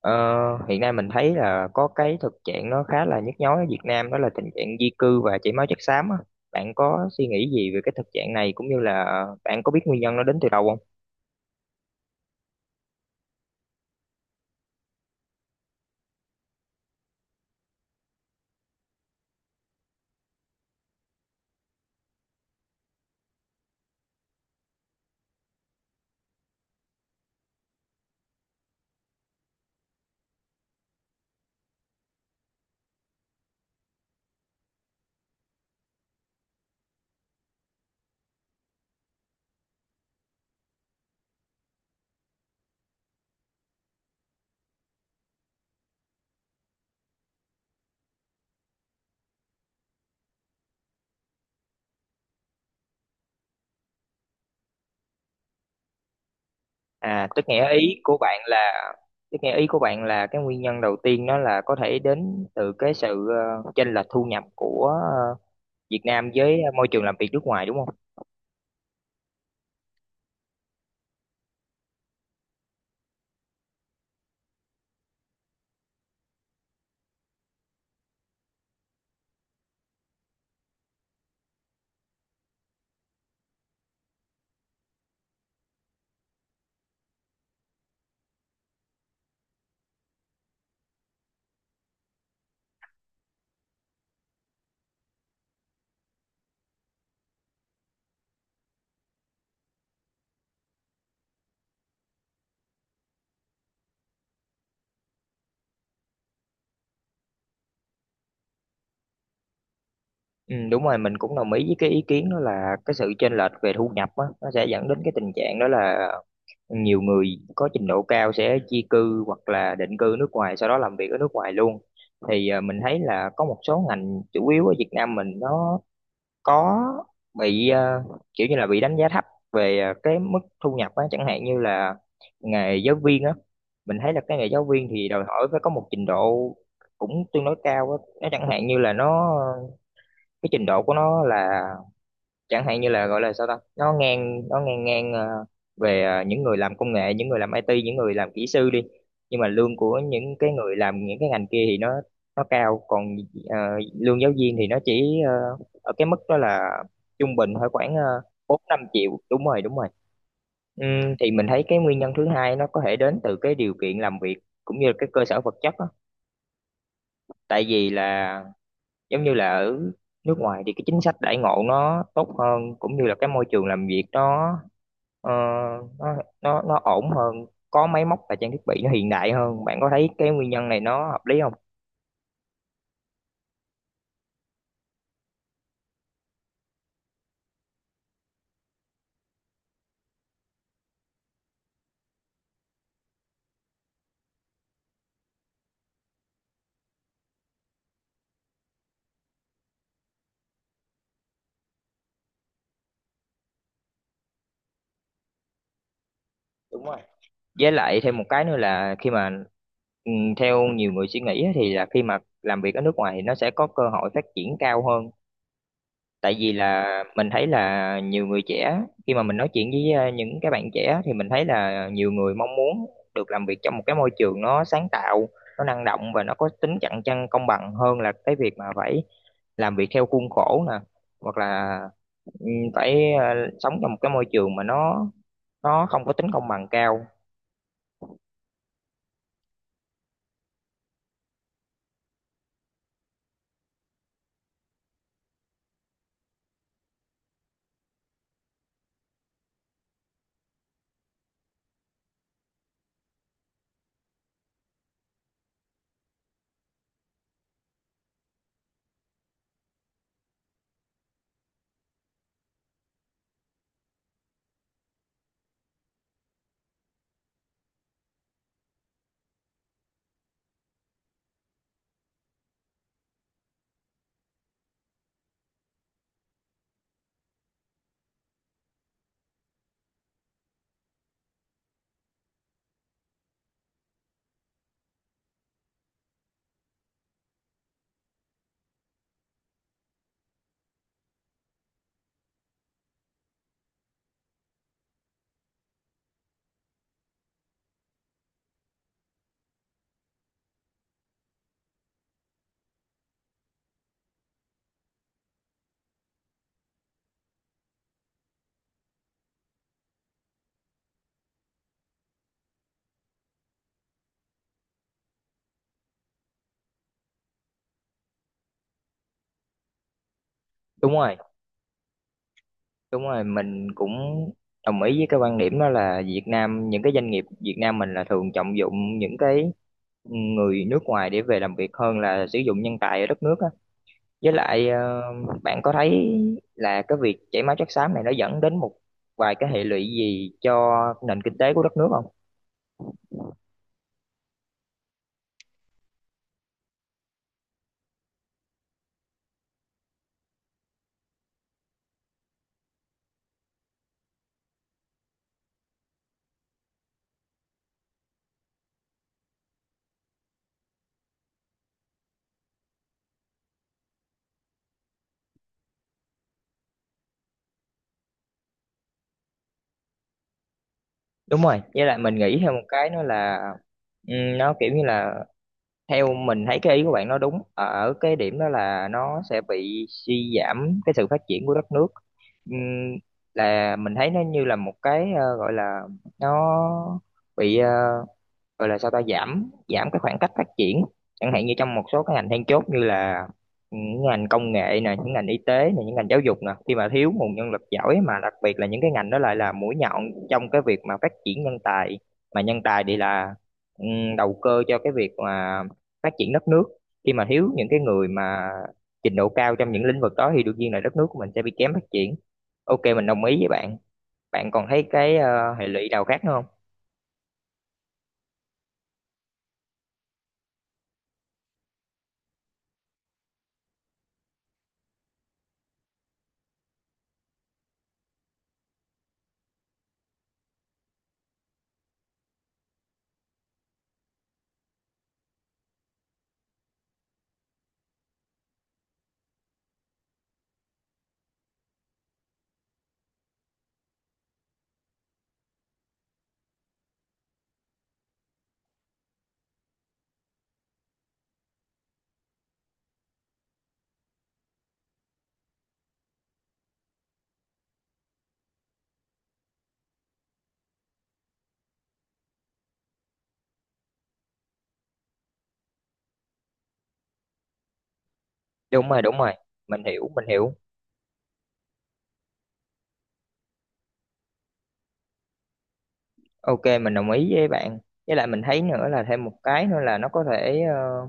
Ờ, Hiện nay mình thấy là có cái thực trạng nó khá là nhức nhối ở Việt Nam, đó là tình trạng di cư và chảy máu chất xám á. Bạn có suy nghĩ gì về cái thực trạng này cũng như là bạn có biết nguyên nhân nó đến từ đâu không? À, tức nghĩa ý của bạn là tức nghĩa ý của bạn là cái nguyên nhân đầu tiên nó là có thể đến từ cái sự chênh lệch thu nhập của Việt Nam với môi trường làm việc nước ngoài, đúng không? Ừ, đúng rồi, mình cũng đồng ý với cái ý kiến đó là cái sự chênh lệch về thu nhập á, nó sẽ dẫn đến cái tình trạng đó là nhiều người có trình độ cao sẽ di cư hoặc là định cư nước ngoài, sau đó làm việc ở nước ngoài luôn. Thì mình thấy là có một số ngành chủ yếu ở Việt Nam mình nó có bị kiểu như là bị đánh giá thấp về cái mức thu nhập á, chẳng hạn như là nghề giáo viên á. Mình thấy là cái nghề giáo viên thì đòi hỏi phải có một trình độ cũng tương đối cao á, nó chẳng hạn như là, nó cái trình độ của nó là, chẳng hạn như là gọi là sao ta, nó ngang ngang ờ, về những người làm công nghệ, những người làm IT, những người làm kỹ sư đi, nhưng mà lương của những cái người làm những cái ngành kia thì nó cao, còn ờ, lương giáo viên thì nó chỉ ở cái mức đó là trung bình thôi, khoảng 4-5 triệu. Đúng rồi, đúng rồi. Thì mình thấy cái nguyên nhân thứ hai nó có thể đến từ cái điều kiện làm việc cũng như là cái cơ sở vật chất á. Tại vì là giống như là ở nước ngoài thì cái chính sách đãi ngộ nó tốt hơn, cũng như là cái môi trường làm việc nó Ờ, nó nó ổn hơn, có máy móc và trang thiết bị nó hiện đại hơn. Bạn có thấy cái nguyên nhân này nó hợp lý không? Với lại thêm một cái nữa là khi mà theo nhiều người suy nghĩ á, thì là khi mà làm việc ở nước ngoài thì nó sẽ có cơ hội phát triển cao hơn. Tại vì là mình thấy là nhiều người trẻ, khi mà mình nói chuyện với những cái bạn trẻ, thì mình thấy là nhiều người mong muốn được làm việc trong một cái môi trường nó sáng tạo, nó năng động và nó có tính cạnh tranh công bằng, hơn là cái việc mà phải làm việc theo khuôn khổ nè, hoặc là ừ, phải sống trong một cái môi trường mà nó không có tính công bằng cao. Đúng rồi, đúng rồi, mình cũng đồng ý với cái quan điểm đó là Việt Nam, những cái doanh nghiệp Việt Nam mình là thường trọng dụng những cái người nước ngoài để về làm việc hơn là sử dụng nhân tài ở đất nước á. Với lại bạn có thấy là cái việc chảy máu chất xám này nó dẫn đến một vài cái hệ lụy gì cho nền kinh tế của đất nước không? Đúng rồi, với lại mình nghĩ theo một cái nữa là, nó kiểu như là, theo mình thấy cái ý của bạn nó đúng ở ở cái điểm đó là nó sẽ bị suy giảm cái sự phát triển của đất nước. Ừm, là mình thấy nó như là một cái, gọi là, nó bị gọi là sao ta, giảm giảm cái khoảng cách phát triển, chẳng hạn như trong một số cái ngành then chốt như là những ngành công nghệ nè, những ngành y tế nè, những ngành giáo dục nè, khi mà thiếu nguồn nhân lực giỏi, mà đặc biệt là những cái ngành đó lại là mũi nhọn trong cái việc mà phát triển nhân tài, mà nhân tài thì là đầu cơ cho cái việc mà phát triển đất nước. Khi mà thiếu những cái người mà trình độ cao trong những lĩnh vực đó thì đương nhiên là đất nước của mình sẽ bị kém phát triển. Ok, mình đồng ý với bạn. Bạn còn thấy cái hệ lụy nào khác nữa không? Đúng rồi, đúng rồi, mình hiểu, mình hiểu. Ok, mình đồng ý với bạn. Với lại mình thấy nữa là, thêm một cái nữa là, nó có thể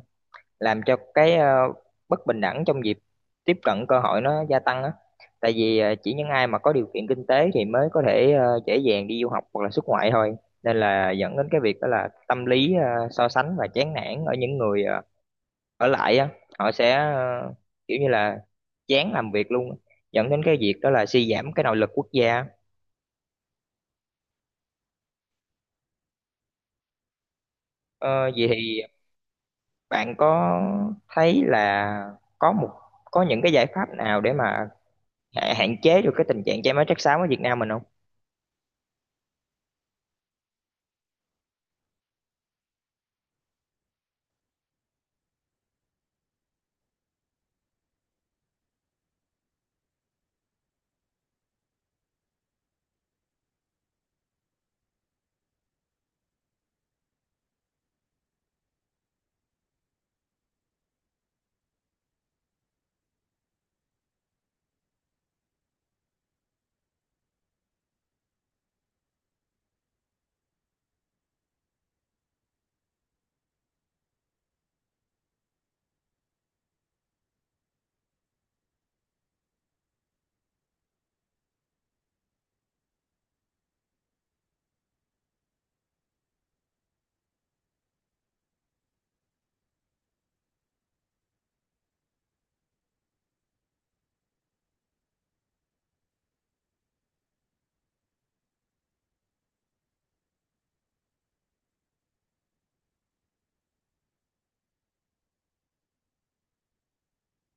làm cho cái bất bình đẳng trong việc tiếp cận cơ hội nó gia tăng á. Tại vì chỉ những ai mà có điều kiện kinh tế thì mới có thể dễ dàng đi du học hoặc là xuất ngoại thôi. Nên là dẫn đến cái việc đó là tâm lý so sánh và chán nản ở những người ở lại á. Họ sẽ kiểu như là chán làm việc luôn, dẫn đến cái việc đó là suy giảm cái nội lực quốc gia. Vậy thì, bạn có thấy là có một có những cái giải pháp nào để mà hạn chế được cái tình trạng chảy máu chất xám ở Việt Nam mình không?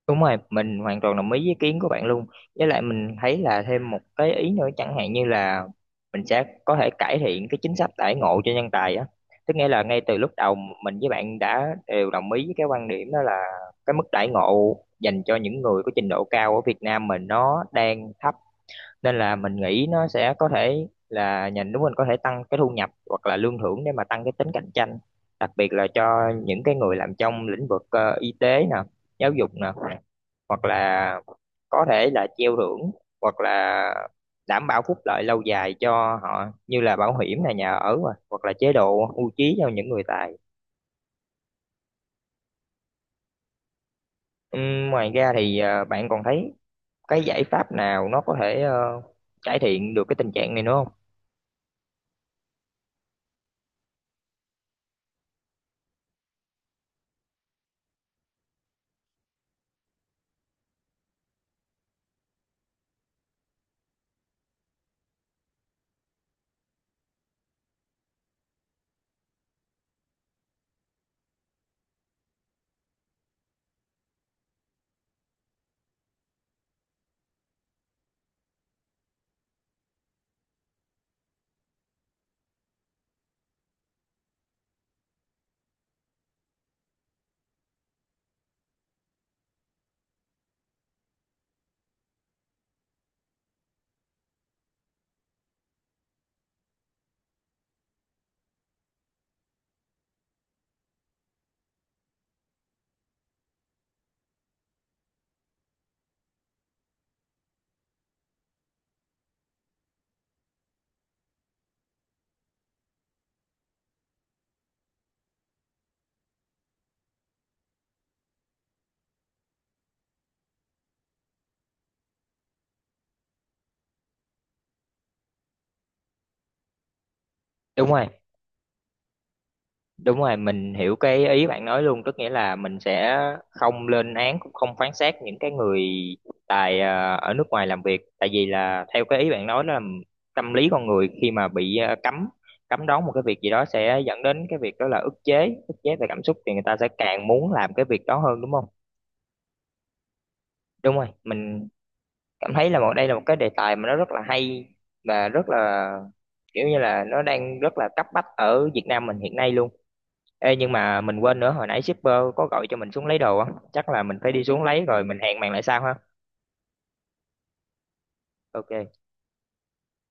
Đúng rồi, mình hoàn toàn đồng ý với ý kiến của bạn luôn. Với lại mình thấy là thêm một cái ý nữa, chẳng hạn như là mình sẽ có thể cải thiện cái chính sách đãi ngộ cho nhân tài á. Tức nghĩa là ngay từ lúc đầu mình với bạn đã đều đồng ý với cái quan điểm đó là cái mức đãi ngộ dành cho những người có trình độ cao ở Việt Nam mình nó đang thấp, nên là mình nghĩ nó sẽ có thể là nhà nước mình có thể tăng cái thu nhập hoặc là lương thưởng để mà tăng cái tính cạnh tranh, đặc biệt là cho những cái người làm trong lĩnh vực y tế nè, giáo dục nè, hoặc là có thể là treo thưởng, hoặc là đảm bảo phúc lợi lâu dài cho họ như là bảo hiểm này, nhà ở nè, hoặc là chế độ hưu trí cho những người tài. Ngoài ra thì bạn còn thấy cái giải pháp nào nó có thể cải thiện được cái tình trạng này nữa không? Đúng rồi. Đúng rồi, mình hiểu cái ý bạn nói luôn, tức nghĩa là mình sẽ không lên án cũng không phán xét những cái người tại ở nước ngoài làm việc, tại vì là theo cái ý bạn nói là tâm lý con người khi mà bị cấm cấm đoán một cái việc gì đó sẽ dẫn đến cái việc đó là ức chế về cảm xúc, thì người ta sẽ càng muốn làm cái việc đó hơn, đúng không? Đúng rồi, mình cảm thấy là đây là một cái đề tài mà nó rất là hay, và rất là, kiểu như là, nó đang rất là cấp bách ở Việt Nam mình hiện nay luôn. Ê, nhưng mà mình quên nữa, hồi nãy shipper có gọi cho mình xuống lấy đồ á, chắc là mình phải đi xuống lấy rồi, mình hẹn bạn lại sau ha. Ok.